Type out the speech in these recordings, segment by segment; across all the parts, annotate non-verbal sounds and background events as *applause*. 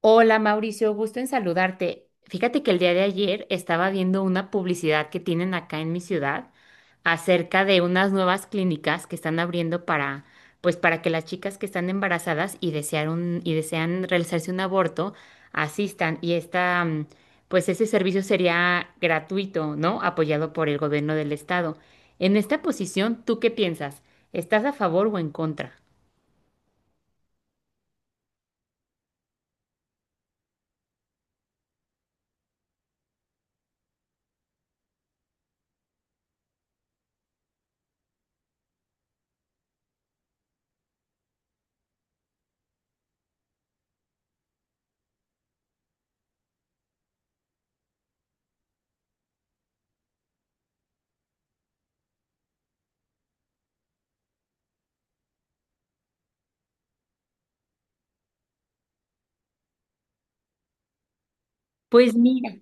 Hola Mauricio, gusto en saludarte. Fíjate que el día de ayer estaba viendo una publicidad que tienen acá en mi ciudad acerca de unas nuevas clínicas que están abriendo para, pues para que las chicas que están embarazadas y desean realizarse un aborto asistan. Y esta, pues ese servicio sería gratuito, ¿no? Apoyado por el gobierno del estado. En esta posición, ¿tú qué piensas? ¿Estás a favor o en contra? Pues mira.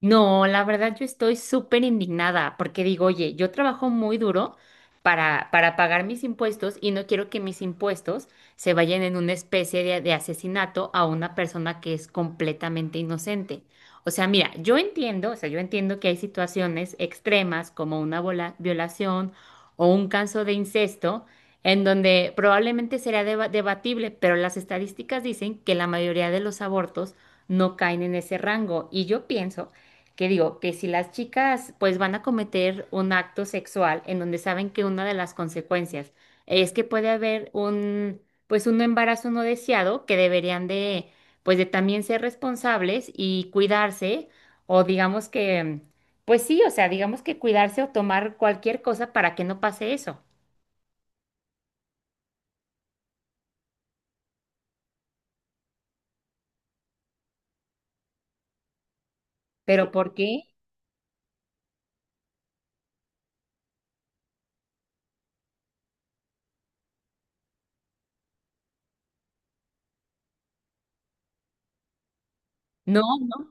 No, la verdad yo estoy súper indignada porque digo, oye, yo trabajo muy duro para pagar mis impuestos y no quiero que mis impuestos se vayan en una especie de asesinato a una persona que es completamente inocente. O sea, mira, yo entiendo, o sea, yo entiendo que hay situaciones extremas como una violación o un caso de incesto en donde probablemente será debatible, pero las estadísticas dicen que la mayoría de los abortos no caen en ese rango y yo pienso que digo, que si las chicas pues van a cometer un acto sexual en donde saben que una de las consecuencias es que puede haber un pues un embarazo no deseado que deberían de pues de también ser responsables y cuidarse o digamos que pues sí, o sea, digamos que cuidarse o tomar cualquier cosa para que no pase eso. Pero ¿por qué? No.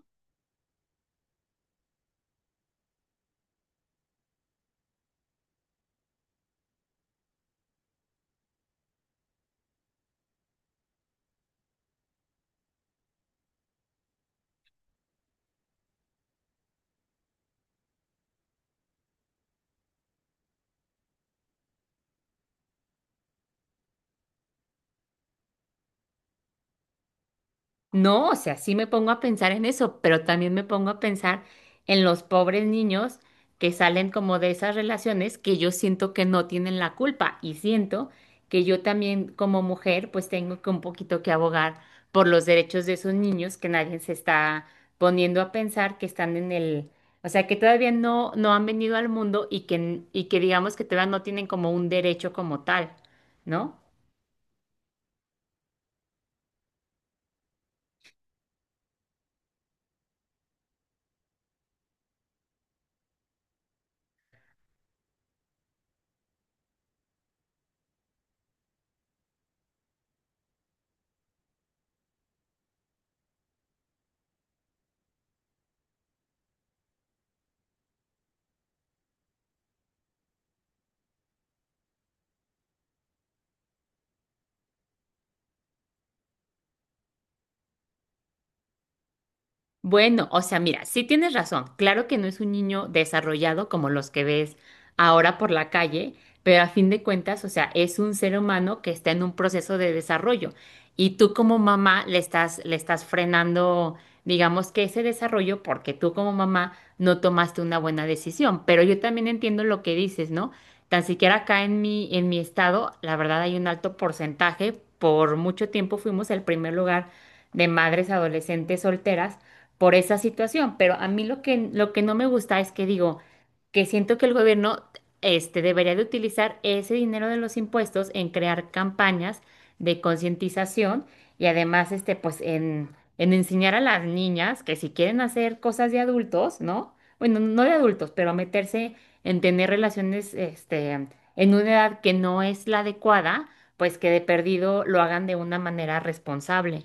No, o sea, sí me pongo a pensar en eso, pero también me pongo a pensar en los pobres niños que salen como de esas relaciones que yo siento que no tienen la culpa y siento que yo también como mujer pues tengo que un poquito que abogar por los derechos de esos niños que nadie se está poniendo a pensar que están en el, o sea, que todavía no han venido al mundo y que digamos que todavía no tienen como un derecho como tal, ¿no? Bueno, o sea, mira, sí tienes razón. Claro que no es un niño desarrollado como los que ves ahora por la calle, pero a fin de cuentas, o sea, es un ser humano que está en un proceso de desarrollo y tú como mamá le estás frenando, digamos que ese desarrollo porque tú como mamá no tomaste una buena decisión. Pero yo también entiendo lo que dices, ¿no? Tan siquiera acá en mi estado, la verdad hay un alto porcentaje. Por mucho tiempo fuimos el primer lugar de madres adolescentes solteras por esa situación, pero a mí lo que no me gusta es que digo que siento que el gobierno este, debería de utilizar ese dinero de los impuestos en crear campañas de concientización y además este, pues en enseñar a las niñas que si quieren hacer cosas de adultos, ¿no? Bueno, no de adultos, pero meterse en tener relaciones este, en una edad que no es la adecuada, pues que de perdido lo hagan de una manera responsable.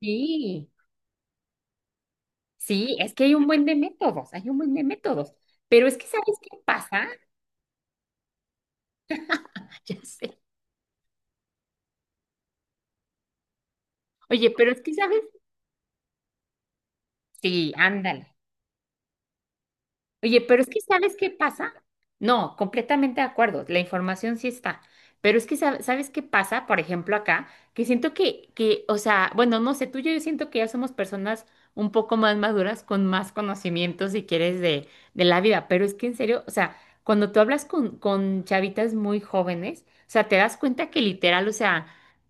Sí. Sí, es que hay un buen de métodos, hay un buen de métodos. Pero es que, ¿sabes qué pasa? *laughs* Ya sé. Oye, pero es que, ¿sabes? Sí, ándale. Oye, pero es que ¿sabes qué pasa? No, completamente de acuerdo, la información sí está, pero es que ¿sabes qué pasa? Por ejemplo, acá, que siento o sea, bueno, no sé, tú y yo siento que ya somos personas un poco más maduras, con más conocimiento, si quieres, de la vida, pero es que en serio, o sea, cuando tú hablas con chavitas muy jóvenes, o sea, te das cuenta que literal, o sea,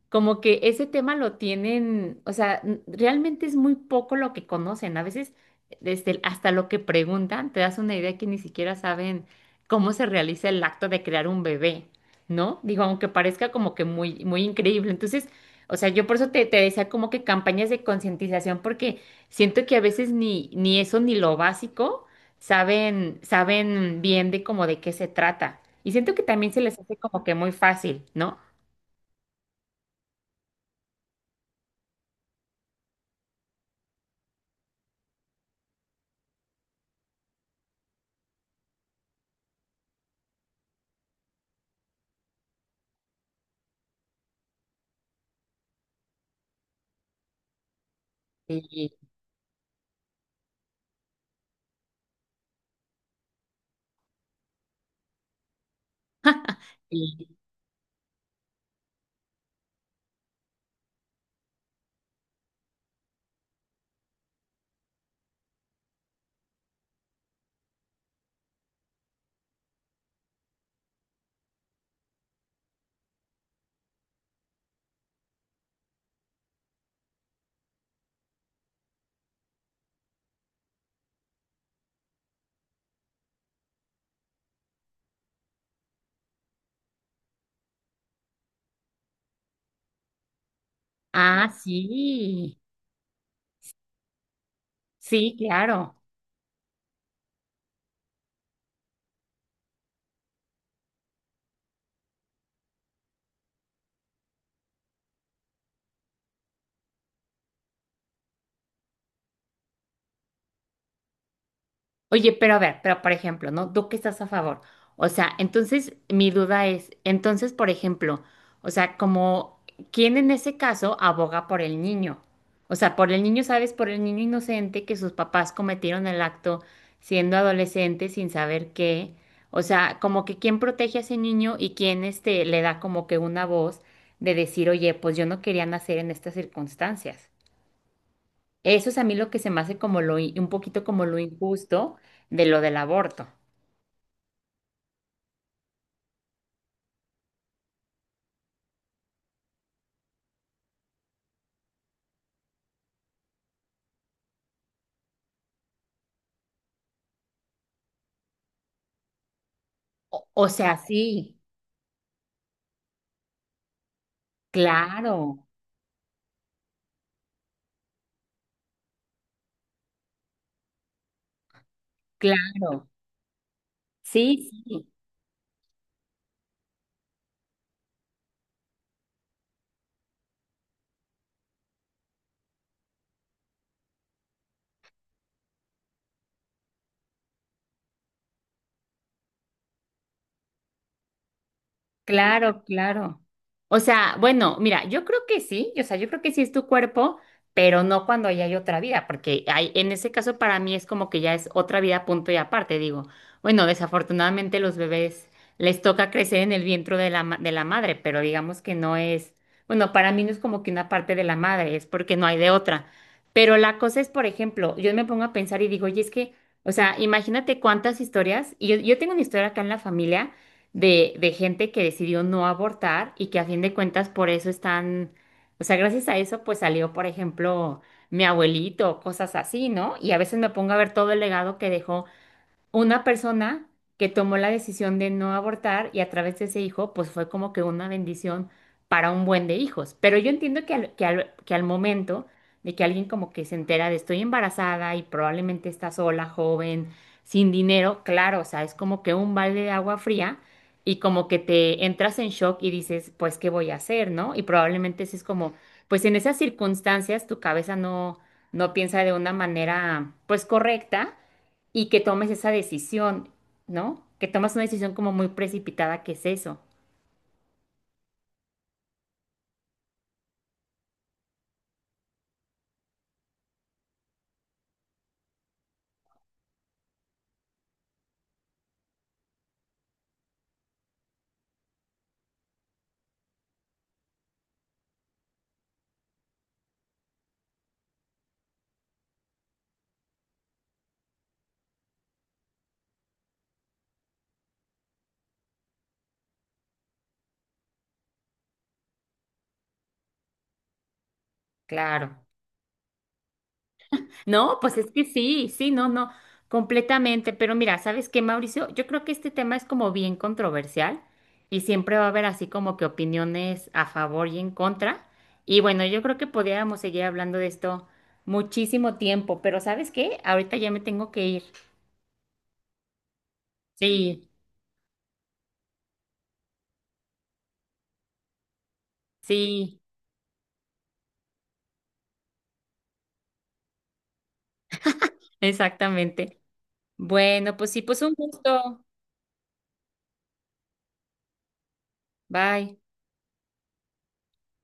como que ese tema lo tienen, o sea, realmente es muy poco lo que conocen, a veces hasta lo que preguntan, te das una idea que ni siquiera saben cómo se realiza el acto de crear un bebé, ¿no? Digo, aunque parezca como que muy, muy increíble. Entonces, o sea, yo por eso te decía como que campañas de concientización, porque siento que a veces ni eso ni lo básico saben, saben bien de como de qué se trata. Y siento que también se les hace como que muy fácil, ¿no? Y, y- ah, sí, sí, claro. Oye, pero a ver, pero por ejemplo, ¿no? ¿Tú qué estás a favor? O sea, entonces mi duda es, entonces, por ejemplo, o sea, como, ¿quién en ese caso aboga por el niño? O sea, por el niño, ¿sabes? Por el niño inocente que sus papás cometieron el acto siendo adolescente sin saber qué. O sea, como que quién protege a ese niño y quién este, le da como que una voz de decir, oye, pues yo no quería nacer en estas circunstancias. Eso es a mí lo que se me hace como lo, un poquito como lo injusto de lo del aborto. Sí, claro, claro. Sí, sí. Claro, claro. O sea, bueno, mira, yo creo que sí, o sea, yo creo que sí es tu cuerpo, pero no cuando ya hay otra vida, porque hay, en ese caso para mí es como que ya es otra vida punto y aparte, digo, bueno, desafortunadamente los bebés les toca crecer en el vientre de la, de la madre, pero digamos que no es, bueno, para mí no es como que una parte de la madre, es porque no hay de otra. Pero la cosa es, por ejemplo, yo me pongo a pensar y digo, oye, es que, o sea, imagínate cuántas historias, y yo tengo una historia acá en la familia de gente que decidió no abortar y que a fin de cuentas por eso están, o sea, gracias a eso pues salió, por ejemplo, mi abuelito, cosas así, ¿no? Y a veces me pongo a ver todo el legado que dejó una persona que tomó la decisión de no abortar y a través de ese hijo, pues fue como que una bendición para un buen de hijos. Pero yo entiendo que al momento de que alguien como que se entera de estoy embarazada y probablemente está sola, joven, sin dinero, claro, o sea, es como que un balde de agua fría y como que te entras en shock y dices, pues, ¿qué voy a hacer, no? Y probablemente ese es como, pues en esas circunstancias tu cabeza no piensa de una manera, pues, correcta y que tomes esa decisión, ¿no? Que tomas una decisión como muy precipitada, ¿qué es eso? Claro. No, pues es que sí, sí, no, no, completamente. Pero mira, ¿sabes qué, Mauricio? Yo creo que este tema es como bien controversial y siempre va a haber así como que opiniones a favor y en contra. Y bueno, yo creo que podríamos seguir hablando de esto muchísimo tiempo, pero ¿sabes qué? Ahorita ya me tengo que ir. Sí, sí, exactamente. Bueno, pues sí, pues un gusto. Bye.